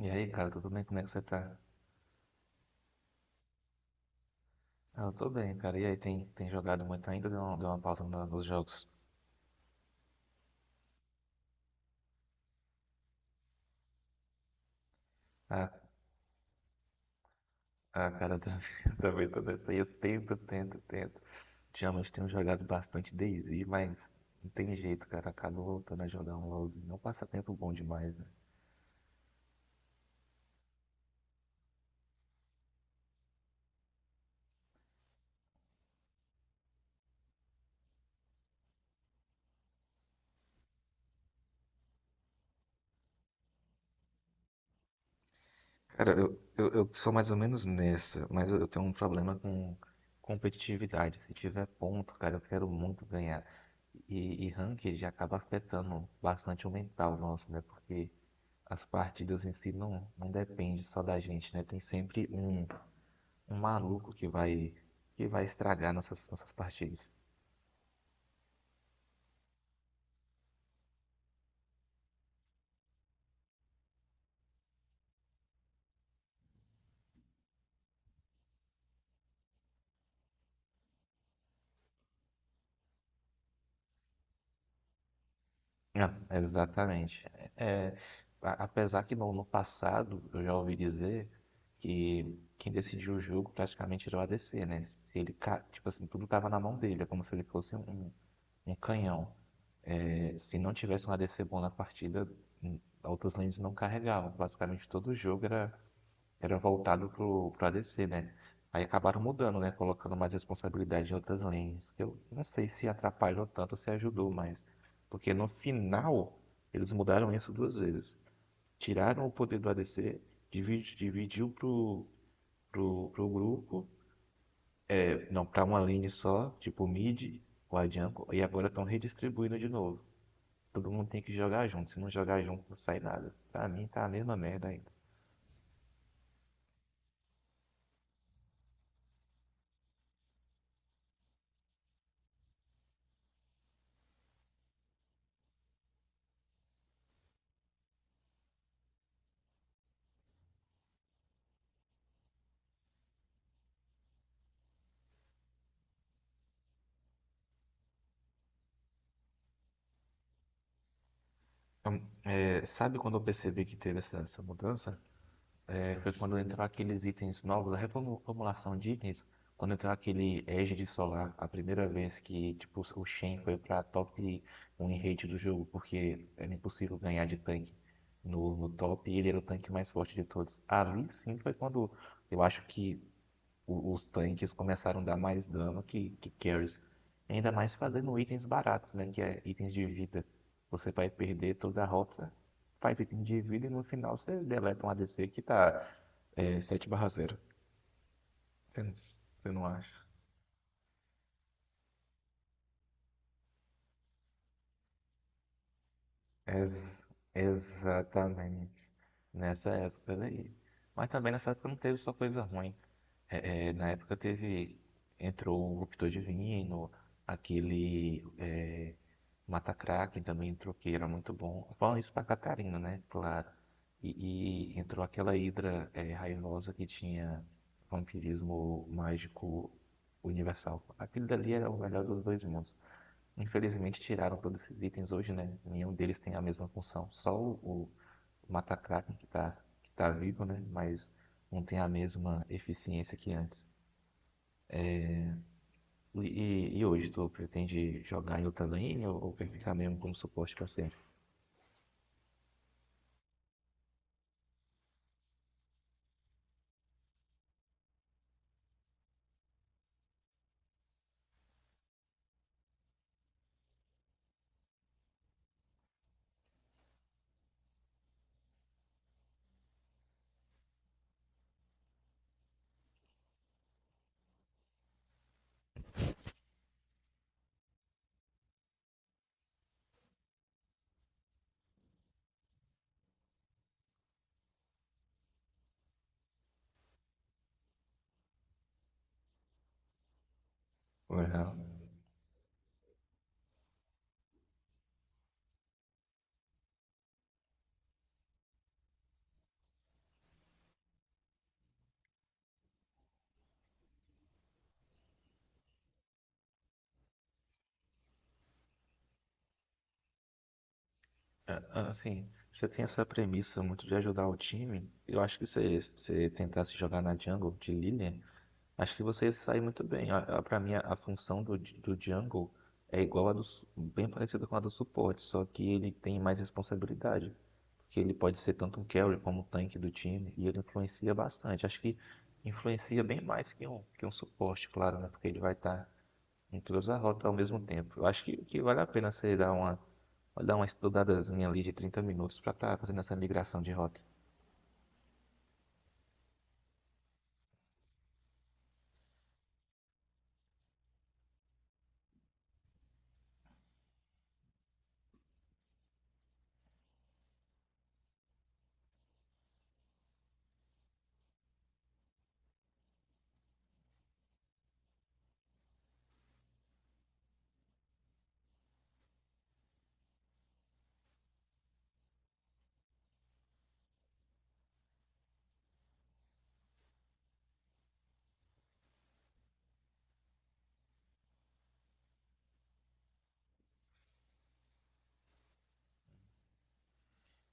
E aí, cara, tudo bem? Como é que você tá? Ah, eu tô bem, cara. E aí, tem jogado muito ainda? Deu uma pausa nos jogos? Ah, ah, cara, eu também, eu também tô nessa aí. Eu tento, tento, tento. Ultimamente tenho jogado bastante DayZ, mas não tem jeito, cara. Acabo voltando a jogar um LoLzinho. É um passatempo bom demais, né? Cara, eu sou mais ou menos nessa, mas eu tenho um problema com competitividade. Se tiver ponto, cara, eu quero muito ganhar. E ranked acaba afetando bastante o mental nosso, né? Porque as partidas em si não depende só da gente, né? Tem sempre um maluco que vai estragar nossas partidas. É, exatamente. É, apesar que no passado eu já ouvi dizer que quem decidiu o jogo praticamente era o ADC, né? Se ele, tipo assim, tudo tava na mão dele, é como se ele fosse um canhão. É, se não tivesse um ADC bom na partida, outras lanes não carregavam. Basicamente todo jogo era voltado pro ADC, né? Aí acabaram mudando, né? Colocando mais responsabilidade em outras linhas. Eu não sei se atrapalhou tanto ou se ajudou mais. Porque no final, eles mudaram isso duas vezes. Tiraram o poder do ADC, dividiu pro, pro grupo, é, não, pra uma lane só, tipo o mid, o A jungle, e agora estão redistribuindo de novo. Todo mundo tem que jogar junto, se não jogar junto não sai nada. Pra mim tá a mesma merda ainda. Então, é, sabe quando eu percebi que teve essa mudança? É, foi quando entrou aqueles itens novos, a reformulação de itens, quando entrou aquele Égide Solar, a primeira vez que tipo, o Shen foi pra top um em rate do jogo, porque era impossível ganhar de tanque no top e ele era o tanque mais forte de todos. Ali sim foi quando eu acho que os tanques começaram a dar mais dano que carries. Ainda mais fazendo itens baratos, né? Que é itens de vida. Você vai perder toda a rota, faz item de vida e no final você deleta um ADC que tá 7/0. Você não- você não acha? Ex- exatamente. Nessa época daí. Mas também nessa época não teve só coisa ruim. É, na época teve. Entrou o Ruptor Divino, aquele. É, Mata Kraken também entrou, que era muito bom. Falando isso pra Catarina, né? Claro. E entrou aquela Hidra raivosa que tinha vampirismo mágico universal. Aquele dali era o melhor dos dois mundos. Infelizmente tiraram todos esses itens hoje, né? Nenhum deles tem a mesma função. Só o Matakraken que tá vivo, né? Mas não tem a mesma eficiência que antes. É, e hoje, tu pretende jogar em outra lane ou quer ficar mesmo como suporte pra sempre? Uhum. É, assim, você tem essa premissa muito de ajudar o time. Eu acho que se você tentasse jogar na jungle de Lilian, acho que você sai muito bem. Para mim, a função do Jungle é igual a do, bem parecida com a do suporte, só que ele tem mais responsabilidade, porque ele pode ser tanto um carry como um tanque do time e ele influencia bastante. Acho que influencia bem mais que um suporte, claro, né? Porque ele vai estar em todas as rotas ao mesmo tempo. Eu acho que vale a pena você dar uma estudadazinha ali de 30 minutos para estar fazendo essa migração de rota.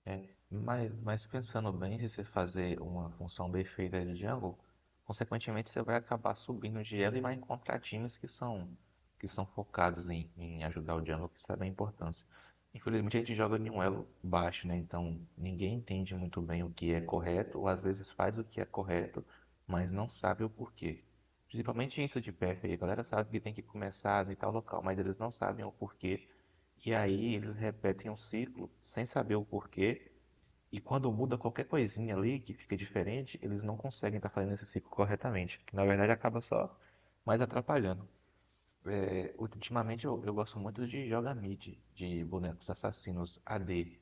É, mas pensando bem, se você fazer uma função bem feita de Django, consequentemente você vai acabar subindo de elo e vai encontrar times que são focados em ajudar o Django, que sabe a importância. Infelizmente a gente joga em um elo baixo, né? Então ninguém entende muito bem o que é correto, ou às vezes faz o que é correto, mas não sabe o porquê. Principalmente isso de PF aí, a galera sabe que tem que começar em tal local, mas eles não sabem o porquê. E aí eles repetem um ciclo sem saber o porquê e quando muda qualquer coisinha ali que fica diferente, eles não conseguem estar fazendo esse ciclo corretamente, que na verdade acaba só mais atrapalhando. É, ultimamente eu gosto muito de jogar mid, de bonecos assassinos AD.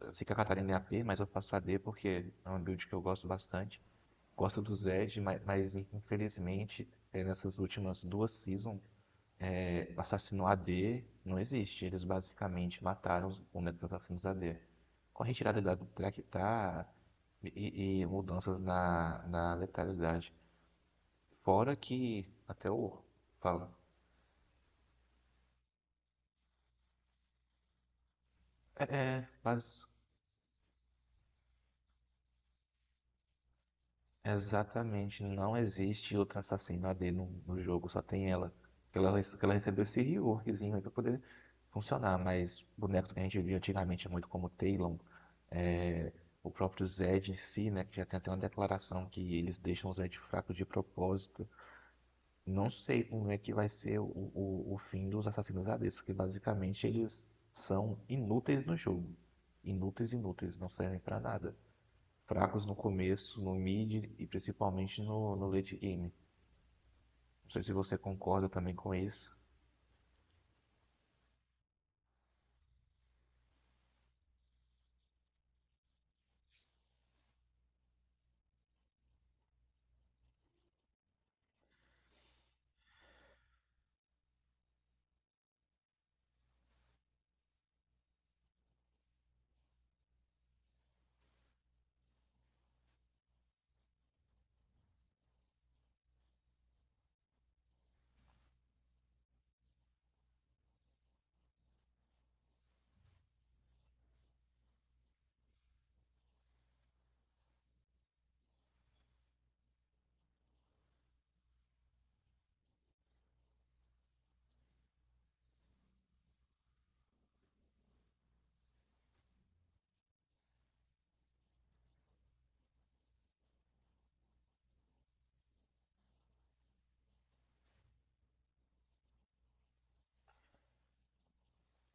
Eu sei que a D. Fica Catarina é AP, mas eu faço AD porque é um build que eu gosto bastante. Gosto do Zed, mas infelizmente nessas últimas duas seasons o assassino AD não existe. Eles basicamente mataram os momentos dos assassinos AD. Com a retirada da track tá e mudanças na letalidade. Fora que até o fala. É, é, mas exatamente não existe outra assassino AD no jogo, só tem ela. Ela recebeu esse reworkzinho aí pra poder funcionar, mas bonecos que a gente via antigamente é muito como Talon, é, o próprio Zed em si, né? Que já tem até uma declaração que eles deixam o Zed fraco de propósito. Não sei como é que vai ser o fim dos assassinos ADs, porque basicamente eles são inúteis no jogo. Inúteis, inúteis, não servem pra nada. Fracos no começo, no mid e principalmente no late game. Não sei se você concorda também com isso.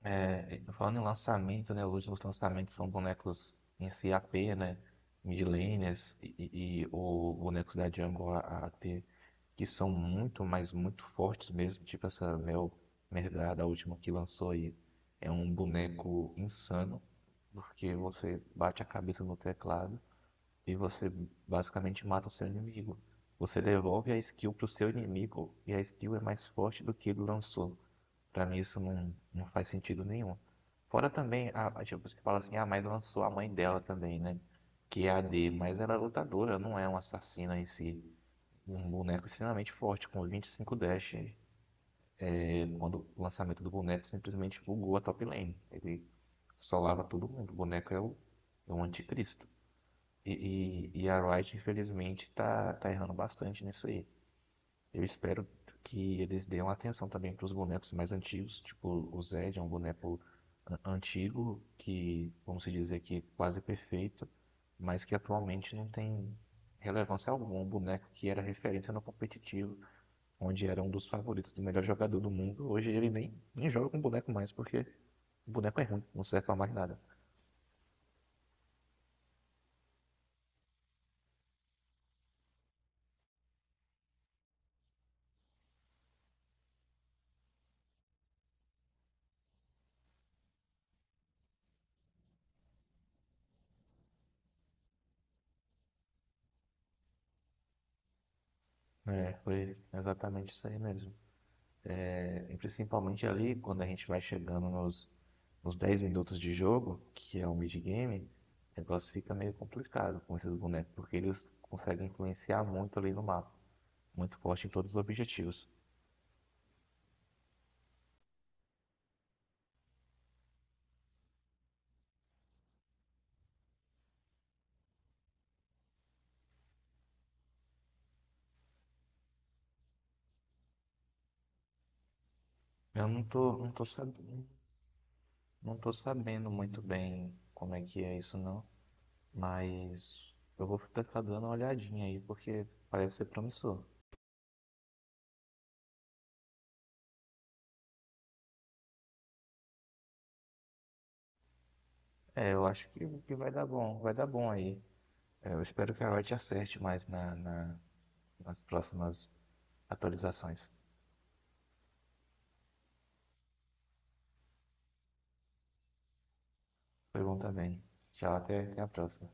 É, falando em lançamento, né? Os últimos lançamentos são bonecos em CAP, né? Midlaners e o bonecos da Jungle AT, que são muito, mas muito fortes mesmo. Tipo essa Mel Mergada, a última que lançou aí, é um boneco insano, porque você bate a cabeça no teclado e você basicamente mata o seu inimigo. Você devolve a skill pro seu inimigo e a skill é mais forte do que ele lançou. Pra mim isso não, faz sentido nenhum. Fora também, tipo, você fala assim, ah, mas lançou a mãe dela também, né? Que é a D, mas ela é lutadora, não é uma assassina em si. Um boneco extremamente forte, com 25 dash, quando o lançamento do boneco simplesmente bugou a top lane. Ele solava todo mundo, o boneco é o anticristo. E a Riot, infelizmente, tá errando bastante nisso aí. Eu espero que eles deem atenção também para os bonecos mais antigos, tipo o Zed é um boneco antigo que, vamos se dizer que é quase perfeito, mas que atualmente não tem relevância alguma. É um boneco que era referência no competitivo, onde era um dos favoritos do melhor jogador do mundo, hoje ele nem joga com boneco mais, porque o boneco é ruim, não serve para mais nada. É, foi exatamente isso aí mesmo. É, e principalmente ali, quando a gente vai chegando nos uns 10 minutos de jogo, que é um mid-game, o negócio fica meio complicado com esses bonecos, porque eles conseguem influenciar muito ali no mapa, muito forte em todos os objetivos. Eu não tô sabendo muito bem como é que é isso não, mas eu vou ficar dando uma olhadinha aí, porque parece ser promissor. É, eu acho que vai dar bom aí. É, eu espero que a Riot acerte mais na, nas próximas atualizações. Foi bom também. Tchau, até a próxima.